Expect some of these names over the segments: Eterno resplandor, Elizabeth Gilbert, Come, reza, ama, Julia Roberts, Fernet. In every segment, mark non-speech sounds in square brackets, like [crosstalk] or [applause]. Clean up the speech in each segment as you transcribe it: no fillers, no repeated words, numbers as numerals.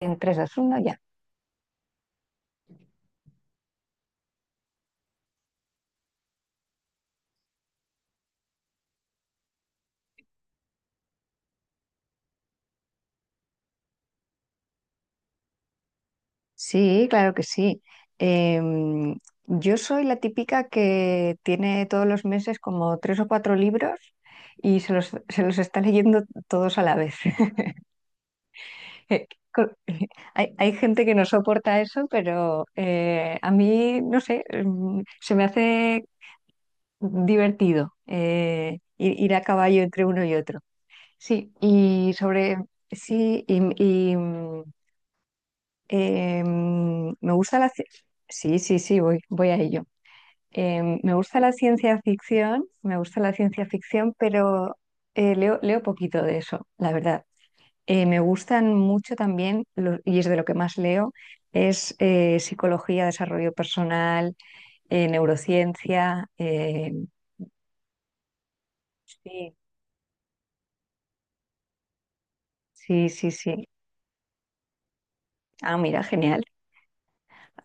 En 3, 2, 1, ya. Sí, claro que sí. Em, yo soy la típica que tiene todos los meses como tres o cuatro libros y se los está leyendo todos a la vez. [laughs] Eh, Co- eh, hay gente que no soporta eso, pero a mí, no sé, se me hace divertido, ir a caballo entre uno y otro. Sí, y sobre, sí, y, mm, me gusta la... ci- Sí, sí, sí, voy a ello. Me gusta la ciencia ficción, me gusta la ciencia ficción, pero leo poquito de eso, la verdad. Me gustan mucho también, y es de lo que más leo, es psicología, desarrollo personal, neurociencia. Sí, sí, sí, sí. Ah, mira, genial.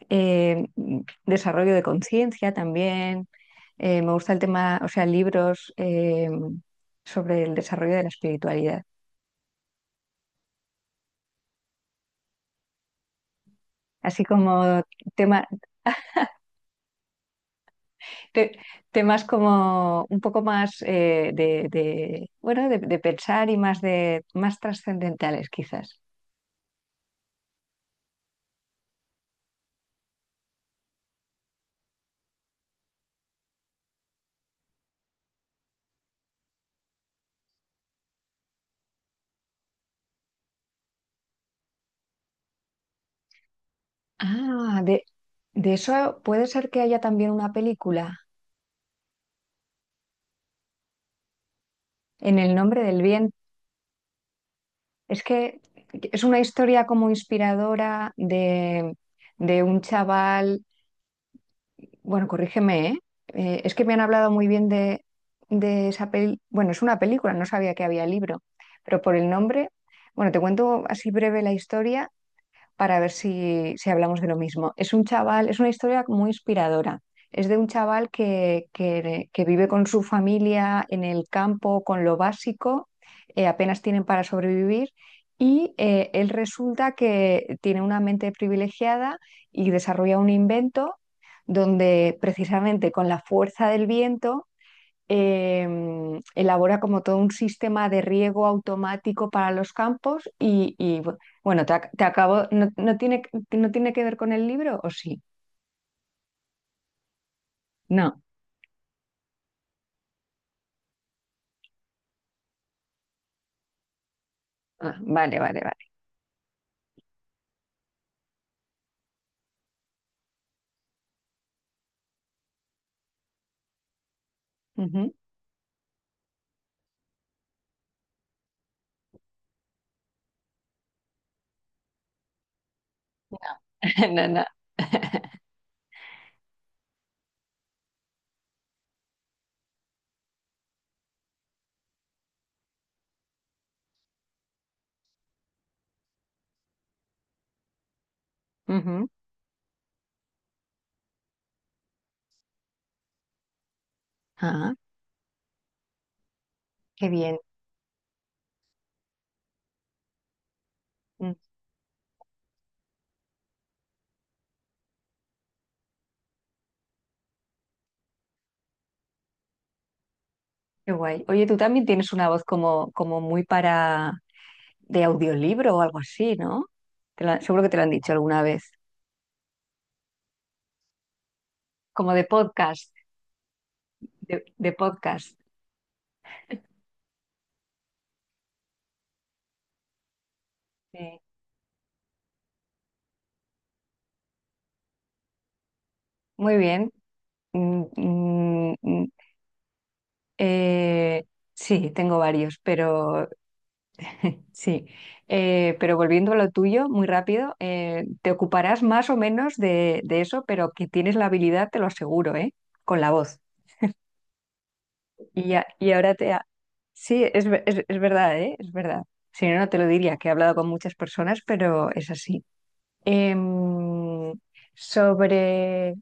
Eh, Desarrollo de conciencia también. Me gusta el tema, o sea, libros, sobre el desarrollo de la espiritualidad. Así como tema, te- temas como un poco más, de, bueno, de pensar y más de más trascendentales quizás. Ah, de eso puede ser que haya también una película en el nombre del bien. Es que es una historia como inspiradora de un chaval, bueno, corrígeme, ¿eh? Es que me han hablado muy bien de esa peli. Bueno, es una película, no sabía que había libro, pero por el nombre, bueno, te cuento así breve la historia para ver si hablamos de lo mismo. Es un chaval, es una historia muy inspiradora. Es de un chaval que vive con su familia en el campo, con lo básico, apenas tienen para sobrevivir y, él resulta que tiene una mente privilegiada y desarrolla un invento donde precisamente con la fuerza del viento, elabora como todo un sistema de riego automático para los campos y, bueno, te acabo, no, no tiene que ver con el libro, ¿o sí? No. Ah, vale, vale, vale. Ujú. [laughs] No, no. Ujú. Ah, qué bien. Mm, Qué guay. Oye, tú también tienes una voz como muy para de audiolibro o algo así, ¿no? Seguro que te lo han dicho alguna vez. Como de podcast, de podcast. Sí. Muy bien. Mm, mm, mm, Eh, sí, tengo varios, pero sí. Pero volviendo a lo tuyo, muy rápido, te ocuparás más o menos de eso, pero que tienes la habilidad, te lo aseguro, ¿eh? Con la voz. Y, ya- y ahora te... ha- Sí, es verdad, ¿eh? Es verdad. Si no, no te lo diría, que he hablado con muchas personas, pero es así. Em, sobre,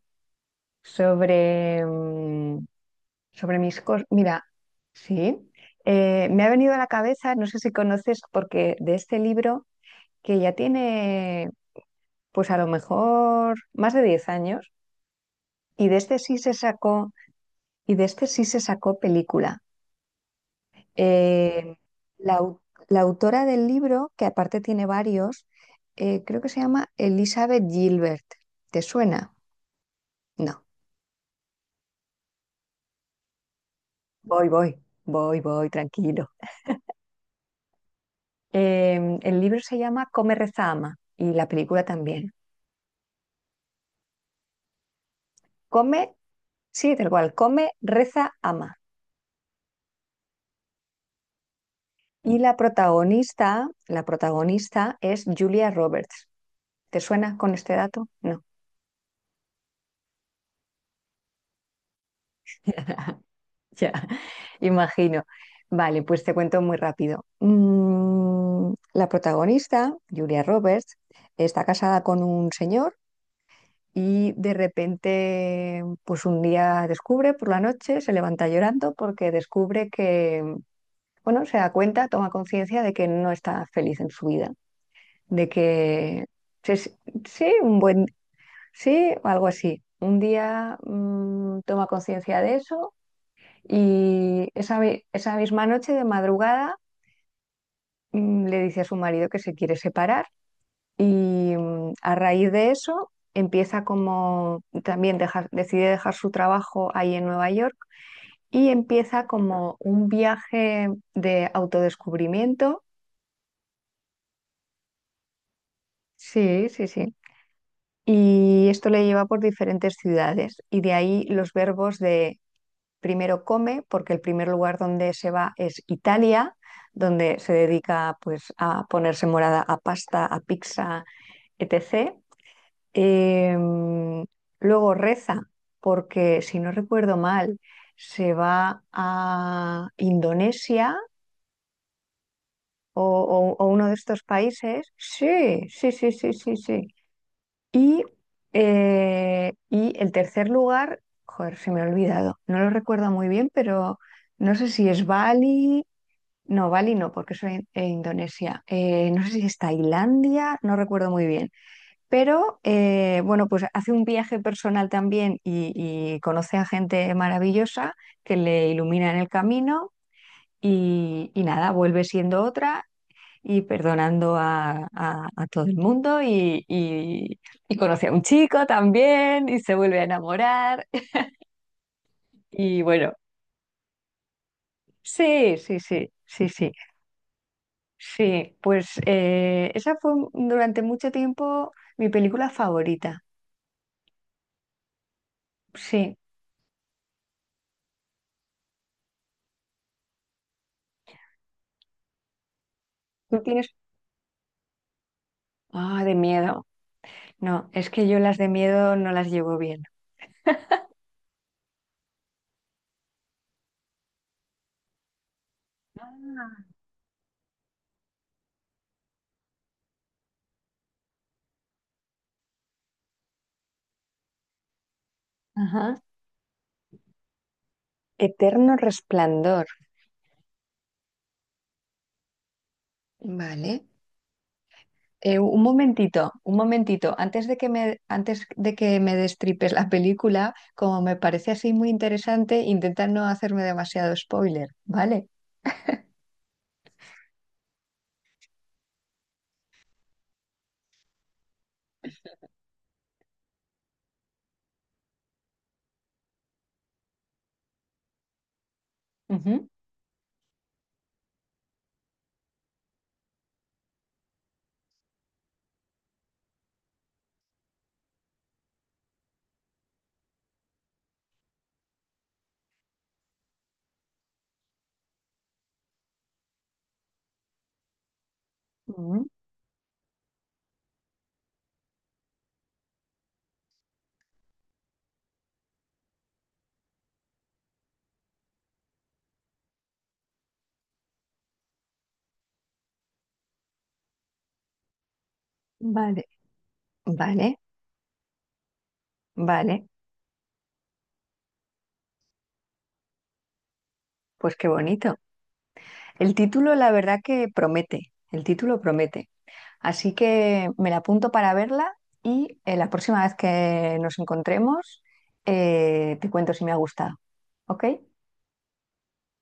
sobre, mm, Sobre mis cosas. Mira, sí. Me ha venido a la cabeza, no sé si conoces, porque de este libro que ya tiene, pues a lo mejor más de 10 años, y de este sí se sacó, y de este sí se sacó película. Eh, la, au- la autora del libro, que aparte tiene varios, creo que se llama Elizabeth Gilbert. ¿Te suena? No. Voy, voy, voy, voy, tranquilo. El libro se llama Come, reza, ama, y la película también. Come, sí, tal cual, come, reza, ama. Y la protagonista, es Julia Roberts. ¿Te suena con este dato? No. [laughs] Ya, imagino. Vale, pues te cuento muy rápido. La protagonista, Julia Roberts, está casada con un señor y de repente, pues un día descubre por la noche, se levanta llorando porque descubre que, bueno, se da cuenta, toma conciencia de que no está feliz en su vida, de que sí, sí, sí, o algo así. Un día, toma conciencia de eso y esa misma noche de madrugada, le dice a su marido que se quiere separar y, a raíz de eso empieza como también decide dejar su trabajo ahí en Nueva York y empieza como un viaje de autodescubrimiento. Sí, sí, sí. Y esto le lleva por diferentes ciudades y de ahí los verbos de: primero come, porque el primer lugar donde se va es Italia, donde se dedica pues a ponerse morada a pasta, a pizza, etc. Em, Luego reza, porque si no recuerdo mal, se va a Indonesia o, o uno de estos países. Sí, sí, sí, sí, sí, sí. Y, y el tercer lugar, joder, se me ha olvidado, no lo recuerdo muy bien, pero no sé si es Bali no, porque soy en Indonesia. No sé si es Tailandia, no recuerdo muy bien, pero bueno, pues hace un viaje personal también y conoce a gente maravillosa que le ilumina en el camino, y nada, vuelve siendo otra y perdonando a todo el mundo, y conoce a un chico también y se vuelve a enamorar. [laughs] Y bueno, sí, sí, sí, sí, sí, sí. Pues esa fue durante mucho tiempo mi película favorita. Sí, tú tienes... Ah, de miedo. No, es que yo las de miedo no las llevo bien. Ajá. Eterno resplandor. Vale. Un momentito, un momentito. Antes de que me, destripes la película, como me parece así muy interesante, intenta no hacerme demasiado spoiler, ¿vale? Ujú. Mm, Vale, vale, vale. Pues qué bonito. El título, la verdad que promete, el título promete. Así que me la apunto para verla y, la próxima vez que nos encontremos, te cuento si me ha gustado. ¿Ok?